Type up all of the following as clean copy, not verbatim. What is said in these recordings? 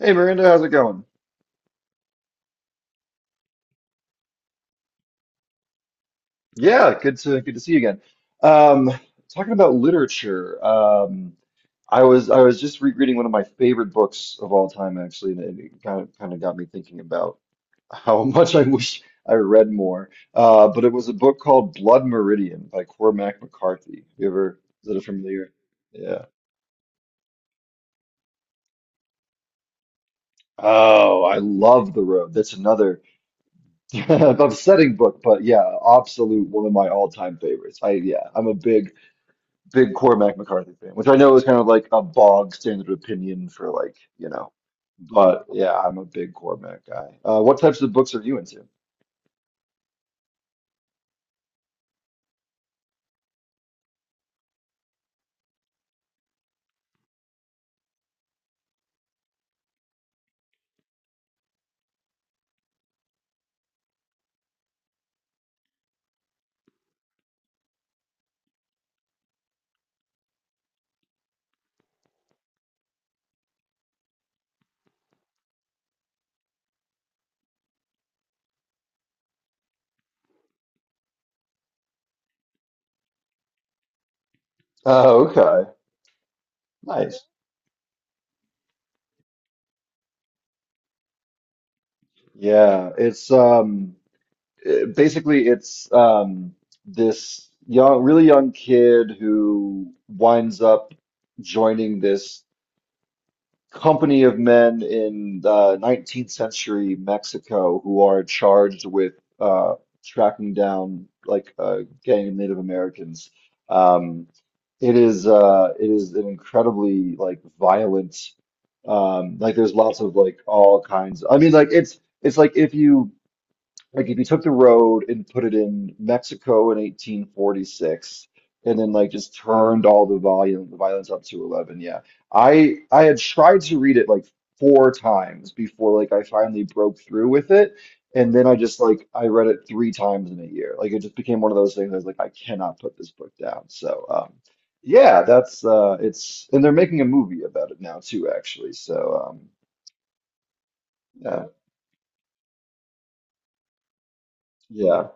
Hey Miranda, how's it going? Good to see you again. Um, talking about literature, I was just rereading one of my favorite books of all time, actually, and it kind of got me thinking about how much I wish I read more. But it was a book called Blood Meridian by Cormac McCarthy. Is that a familiar? Yeah. Oh, I love The Road. That's another upsetting book, but yeah, absolute one of my all-time favorites. I'm a big Cormac McCarthy fan, which I know is kind of like a bog standard opinion for like, but yeah, I'm a big Cormac guy. What types of books are you into? Oh, okay. Nice. Yeah, it's it- basically it's this young really young kid who winds up joining this company of men in 19th century Mexico who are charged with uh, tracking down like a gang of Native Americans. Um, it is an incredibly like violent like there's lots of like all kinds. I mean it's like if you took the road and put it in Mexico in 1846, and then like just turned all the violence up to 11. I had tried to read it like 4 times before like I finally broke through with it, and then I just like I read it 3 times in a year. Like it just became one of those things. I was like, I cannot put this book down. So um yeah that's uh it's and they're making a movie about it now too, actually, so yeah. Yeah.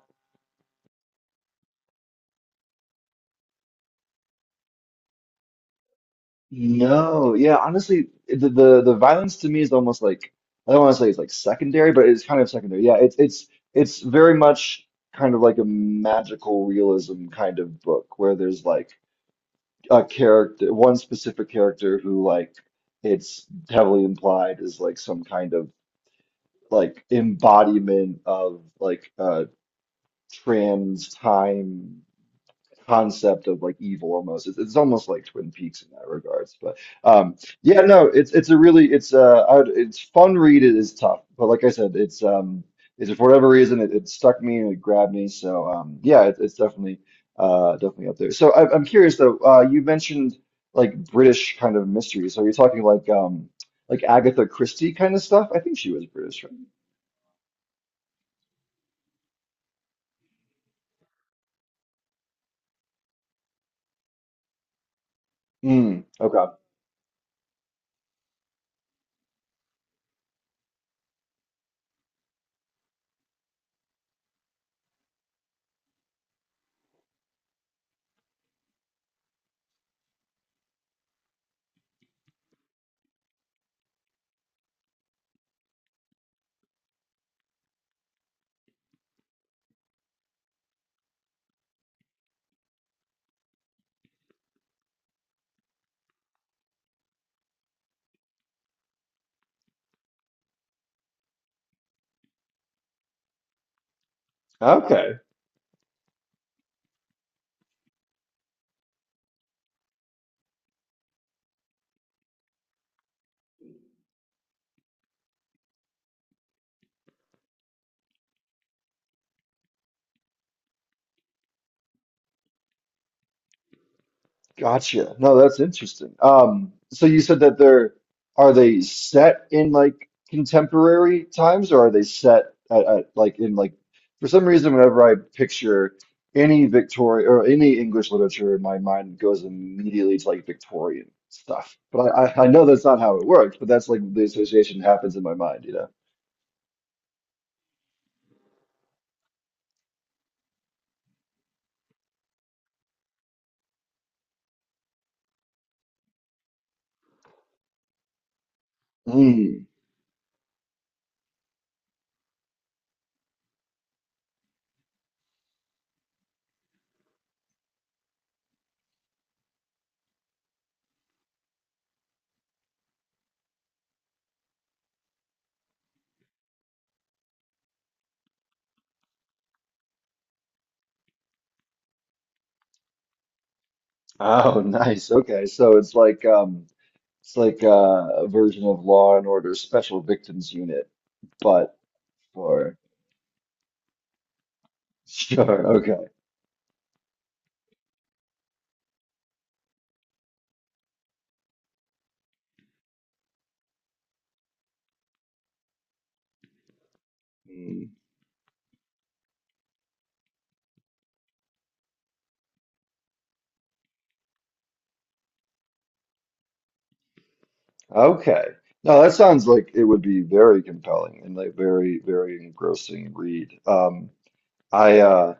No, honestly, the violence to me is almost like, I don't want to say it's like secondary, but it's kind of secondary. Yeah, it's very much kind of like a magical realism kind of book where there's like a character, one specific character who like it's heavily implied is like some kind of like embodiment of like trans time concept of like evil almost. It's almost like Twin Peaks in that regards. But um, yeah, no, it's a really it's I would, it's fun read. It is tough, but like I said, it's for whatever reason it stuck me and it grabbed me. So it's definitely definitely up there. So I'm curious though. You mentioned like British kind of mysteries. So, are you talking like Agatha Christie kind of stuff? I think she was British, right? Mm, okay. Okay. Gotcha. No, that's interesting. So you said that they're, are they set in like contemporary times, or are they set at like in like, for some reason whenever I picture any Victorian or any English literature in my mind goes immediately to like Victorian stuff. But I know that's not how it works, but that's like the association happens in my mind, you know. Mm. Oh, nice. Okay. So it's like a version of Law and Order Special Victims Unit. But Sure. Sure. Okay. Mm. Okay. No, that sounds like it would be very compelling and like very, very engrossing read. I uh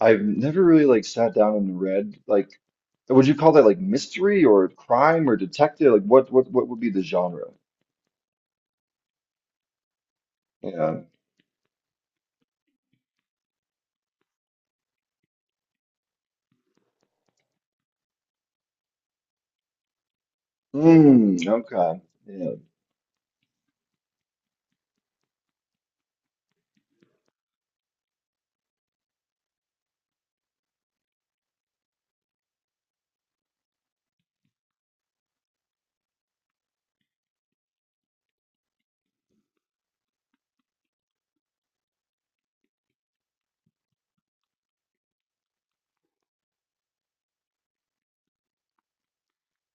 I've never really like sat down and read like, would you call that like mystery or crime or detective? Like what would be the genre? Yeah. Mm, okay. Yeah.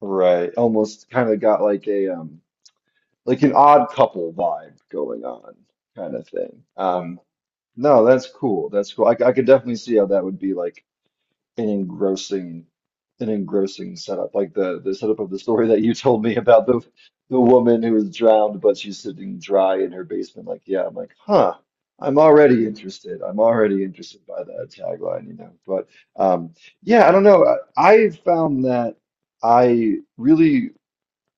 Right. Almost kind of got like a like an odd couple vibe going on kind of thing. No, that's cool. That's cool. I could definitely see how that would be like an engrossing, an engrossing setup. Like the setup of the story that you told me about the woman who was drowned, but she's sitting dry in her basement. Like, yeah, I'm like, huh. I'm already interested. I'm already interested by that tagline, you know. But um, yeah, I don't know. I found that I really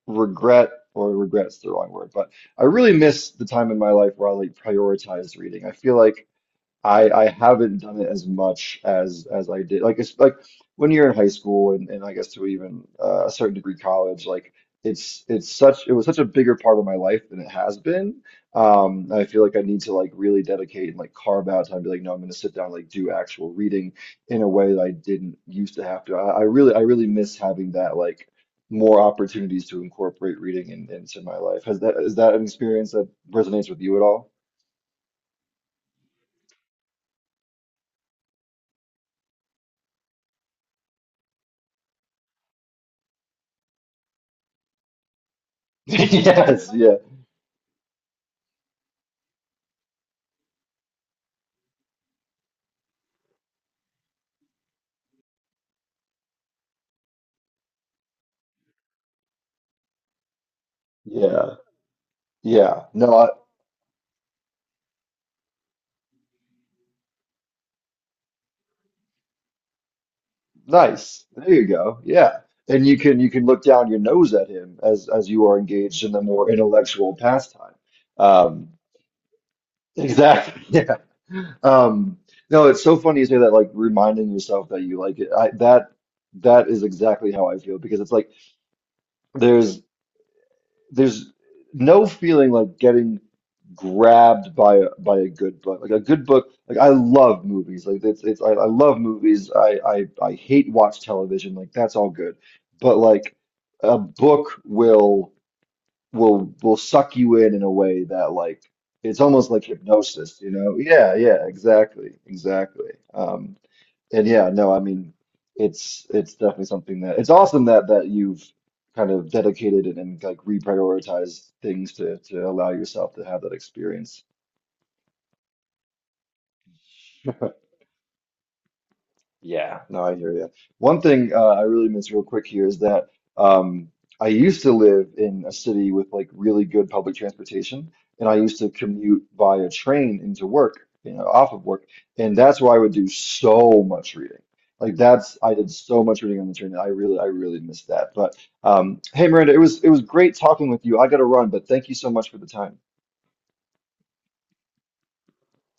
regret, or regret's the wrong word, but I really miss the time in my life where I like prioritized reading. I feel like I haven't done it as much as I did. Like it's like when you're in high school, and I guess to even a certain degree college, like it was such a bigger part of my life than it has been. I feel like I need to like really dedicate and like carve out time to be like, no, I'm gonna sit down and like do actual reading in a way that I didn't used to have to. I really miss having that like more opportunities to incorporate reading into my life. Has that is that an experience that resonates with you at all? Yes, yeah. Yeah. Yeah. No, I, nice. There you go. Yeah. And you can look down your nose at him as you are engaged in the more intellectual pastime. Um, exactly. Yeah. No, it's so funny you say that, like reminding yourself that you like it. I, that that is exactly how I feel because it's like there's. There's no feeling like getting grabbed by by a good book. Like a good book, like I love movies. Like I love movies. I hate watch television. Like that's all good. But like a book will suck you in a way that like it's almost like hypnosis, you know? Yeah, yeah, exactly. Exactly. And yeah, no, I mean, it's definitely something that it's awesome that you've kind of dedicated and like reprioritized things to allow yourself to have that experience. Yeah, no, I hear you. One thing I really miss real quick here is that um, I used to live in a city with like really good public transportation, and I used to commute via train into work, you know, off of work, and that's where I would do so much reading. Like that's I did so much reading on the train, that I really miss that. But hey, Miranda, it was great talking with you. I got to run, but thank you so much for the time.